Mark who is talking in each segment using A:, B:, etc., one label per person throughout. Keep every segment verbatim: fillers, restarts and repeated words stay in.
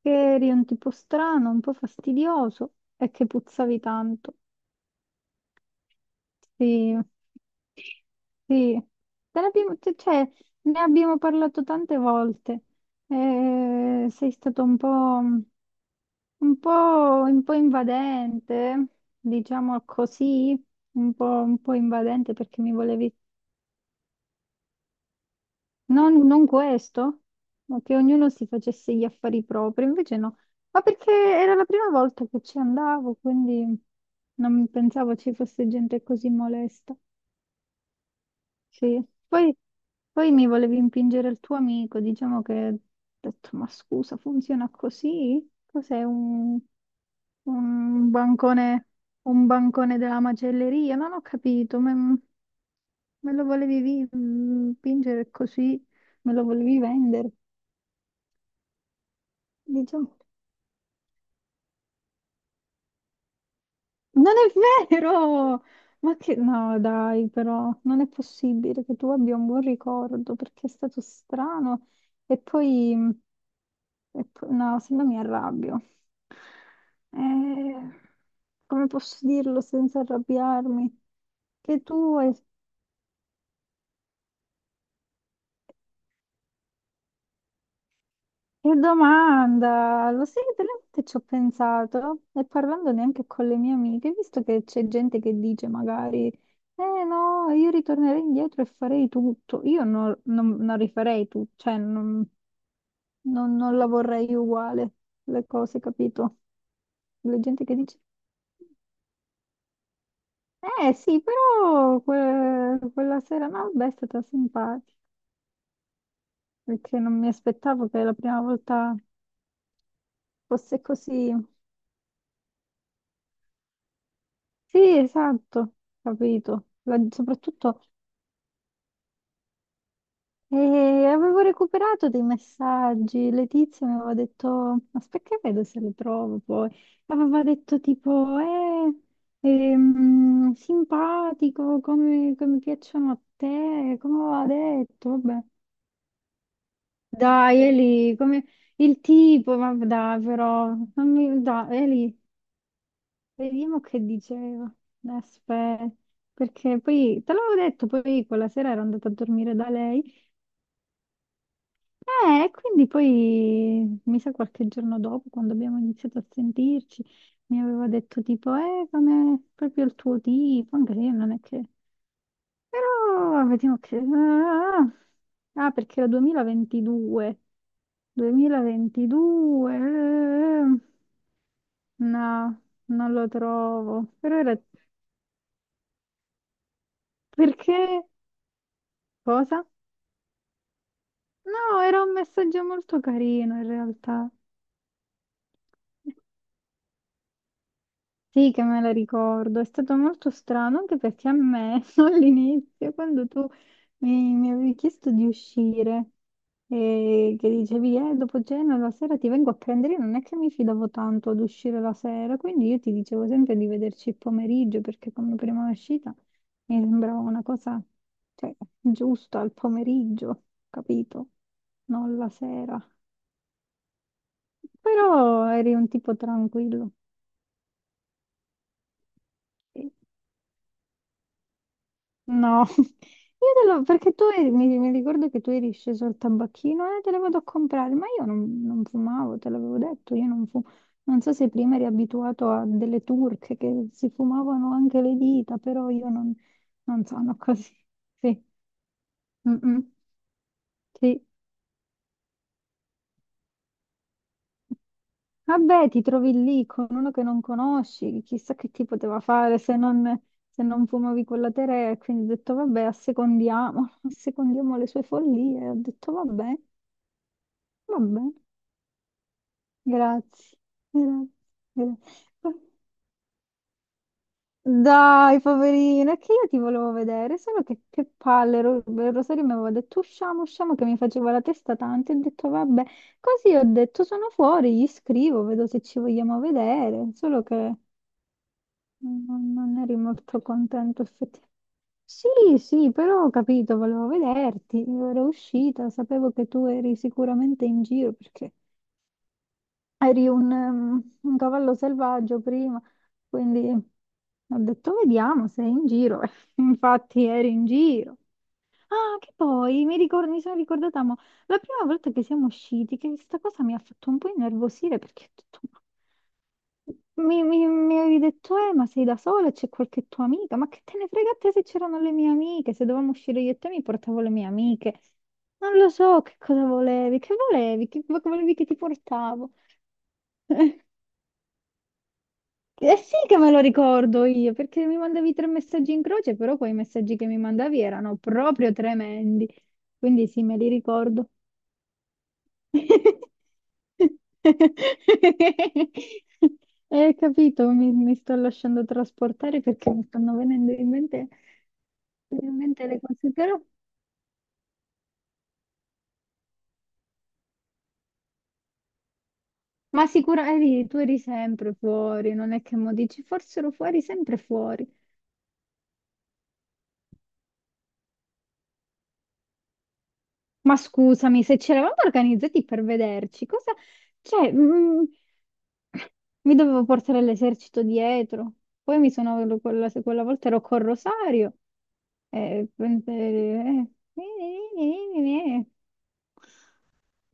A: Che eri un tipo strano, un po' fastidioso e che puzzavi tanto. Sì, sì. Te ne abbiamo, te- cioè, ne abbiamo parlato tante volte. Eh, sei stato un po', un po', un po' invadente, diciamo così, un po', un po' invadente perché mi volevi... Non, non questo, ma che ognuno si facesse gli affari propri, invece no, ma perché era la prima volta che ci andavo, quindi non pensavo ci fosse gente così molesta. Sì. Poi, poi mi volevi impingere il tuo amico, diciamo che ho detto, ma scusa, funziona così? Cos'è un, un bancone, un bancone della macelleria? Non ho capito, ma- me, lo volevi vi- impingere così, me lo volevi vendere, diciamo. Non è vero! Ma che... No, dai, però non è possibile che tu abbia un buon ricordo perché è stato strano. E poi... e poi- No, se no mi arrabbio. Eh, Come posso dirlo senza arrabbiarmi? Che tu hai... Che domanda! Lo sai che delle volte ci ho pensato e parlando neanche con le mie amiche, visto che c'è gente che dice magari, eh no, io ritornerei indietro e farei tutto. Io non, non- non rifarei tutto, cioè non, non- non la vorrei uguale, le cose, capito? La gente che dice, eh sì, però que- quella sera no, beh, è stata simpatica, perché non mi aspettavo che la prima volta fosse così. Sì, esatto, capito. La- soprattutto eh, avevo recuperato dei messaggi, Letizia mi aveva detto, aspetta che vedo se le trovo poi, aveva detto tipo, eh, ehm, simpatico, come, come piacciono a te, come aveva detto, vabbè. Dai Eli, come il tipo, ma dai però, non mi, dai Eli, vediamo che diceva. Aspetta, perché poi te l'avevo detto, poi quella sera ero andata a dormire da lei. Eh, e quindi poi, mi sa qualche giorno dopo, quando abbiamo iniziato a sentirci, mi aveva detto tipo, eh, come proprio il tuo tipo, anche se io non è che... Però vediamo che... Ah, ah, ah, perché era duemilaventidue. duemilaventidue. eh, eh, eh. No, non lo trovo. Però era... Perché? Cosa? No, era un messaggio molto carino in realtà. Sì, che me la ricordo. È stato molto strano anche perché a me all'inizio, quando tu mi, mi avevi chiesto di uscire e che dicevi, eh, dopo cena la sera ti vengo a prendere, io non è che mi fidavo tanto ad uscire la sera, quindi io ti dicevo sempre di vederci il pomeriggio perché come prima uscita mi sembrava una cosa, cioè, giusta al pomeriggio, capito? Non la sera. Però eri un tipo tranquillo. Sì. No, io te lo... perché tu eri- mi, mi ricordo che tu eri sceso al tabacchino e te le vado a comprare, ma io non, non fumavo, te l'avevo detto, io non fumo. Non so se prima eri abituato a delle turche che si fumavano anche le dita, però io non, non sono così. Sì. Mm, mm. Sì. Vabbè, ti trovi lì con uno che non conosci, chissà che ti poteva fare se non, se non fumavi quella terra. E quindi ho detto, vabbè, assecondiamo, assecondiamo le sue follie. Ho detto, vabbè, vabbè, grazie, grazie, grazie. Dai, poverina, è che io ti volevo vedere, solo che, che palle, Ro- Rosario mi aveva detto usciamo, usciamo, che mi faceva la testa tanto, e ho detto vabbè, così ho detto sono fuori, gli scrivo, vedo se ci vogliamo vedere, solo che... Non non eri molto contento effettivamente. Sì, sì, però ho capito, volevo vederti, io ero uscita, sapevo che tu eri sicuramente in giro perché eri un, ehm, un cavallo selvaggio prima, quindi ho detto vediamo se è in giro. Infatti eri in giro. Ah, che poi mi ricor- mi sono ricordata, mo, la prima volta che siamo usciti, che questa cosa mi ha fatto un po' innervosire perché ho detto, "Ma mi, mi- mi avevi detto, eh, ma sei da sola? C'è qualche tua amica? Ma che te ne frega a te se c'erano le mie amiche? Se dovevamo uscire io e te mi portavo le mie amiche. Non lo so che cosa volevi, che volevi, che che volevi che ti portavo. Eh sì che me lo ricordo io, perché mi mandavi tre messaggi in croce, però quei messaggi che mi mandavi erano proprio tremendi. Quindi sì, me li ricordo. Eh, capito, mi, mi sto lasciando trasportare perché mi stanno venendo in mente, in mente le cose, però, ma sicuramente tu eri sempre fuori, non è che mo dici, forse ero fuori, sempre fuori. Ma scusami, se ci eravamo organizzati per vederci, cosa... Cioè, mm, mi dovevo portare l'esercito dietro. Poi mi sono... Quella, quella volta ero col Rosario. Eh, eh, eh, eh,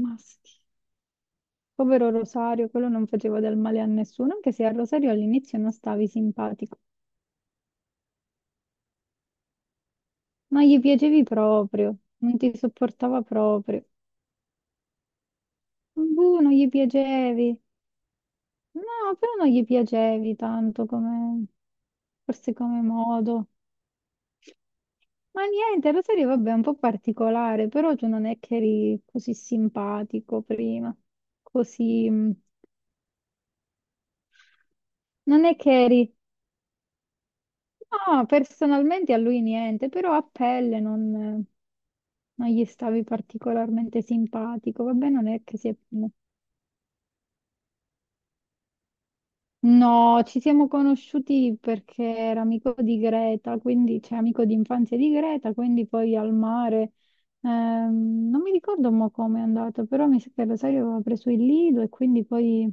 A: maschi. Povero Rosario, quello non faceva del male a nessuno, anche se a Rosario all'inizio non stavi simpatico. Non gli piacevi proprio, non ti sopportava proprio. Boh, non gli piacevi. No, però non gli piacevi tanto come, forse come modo. Ma niente, Rosario, vabbè, è un po' particolare, però tu non è che eri così simpatico prima, così... mm. Non è che eri... No, personalmente a lui niente, però a pelle non, non gli stavi particolarmente simpatico. Vabbè, non è che si è... No, ci siamo conosciuti perché era amico di Greta, quindi c'è amico di infanzia di Greta, quindi poi al mare. Ehm, non mi ricordo mo come è andato, però mi sa che Rosario aveva preso il Lido e quindi poi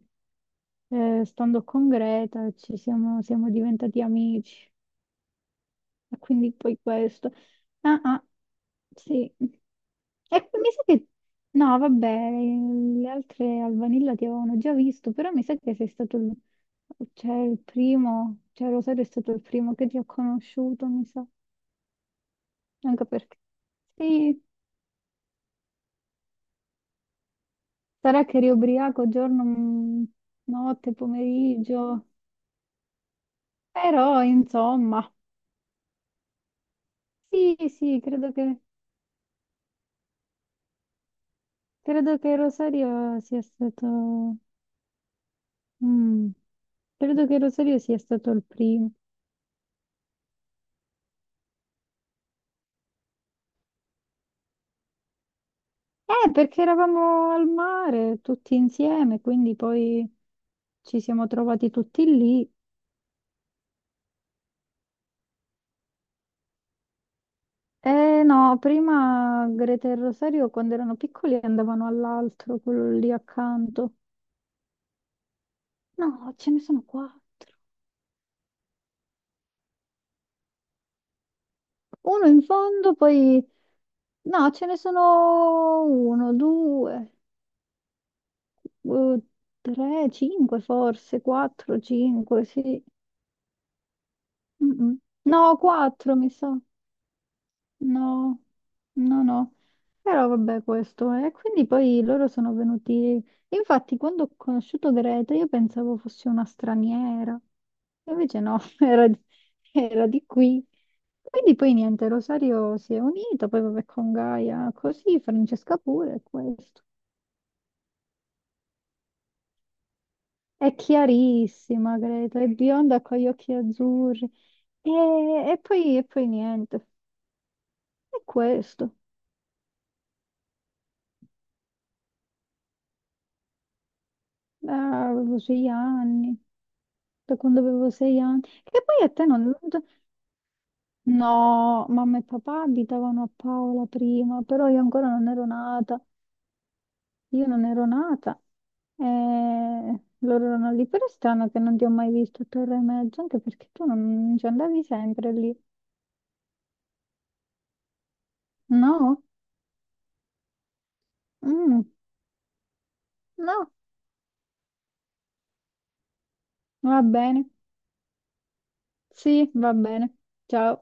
A: eh, stando con Greta ci siamo siamo diventati amici. E quindi poi questo. Ah, ah, sì. E poi mi sa che... No, vabbè, le altre al vanilla ti avevano già visto, però mi sa che sei stato il... Cioè, il primo, cioè Rosario è stato il primo che ti ho conosciuto, mi sa. Anche perché... Sì, sarà che eri ubriaco giorno, mm, notte, pomeriggio. Però, insomma, sì, sì, credo che, credo che Rosario sia stato... Mm, credo che Rosario sia stato il primo. Eh, perché eravamo al mare tutti insieme, quindi poi ci siamo trovati tutti lì. Eh no, prima Greta e Rosario quando erano piccoli andavano all'altro, quello lì accanto. No, ce ne sono qua. Uno in fondo, poi... No, ce ne sono uno, due, eh, tre, cinque forse, quattro, cinque, sì. Mm, mm. No, quattro mi sa. No, no, no. Però vabbè, questo è. Quindi poi loro sono venuti. Infatti, quando ho conosciuto Greta, io pensavo fosse una straniera. Invece no, era di, era di qui. Quindi poi niente, Rosario si è unito, poi vabbè con Gaia, così, Francesca pure, è questo. È chiarissima Greta, è bionda con gli occhi azzurri. E, e poi, e poi niente, è questo. Eh, avevo sei anni, da quando avevo sei anni. Che poi a te non... No, mamma e papà abitavano a Paola prima, però io ancora non ero nata. Io non ero nata. E loro erano lì, però è strano che non ti ho mai visto a Torre e Mezzo, anche perché tu non ci andavi sempre lì. No? Mm, no, va bene. Sì, va bene. Ciao.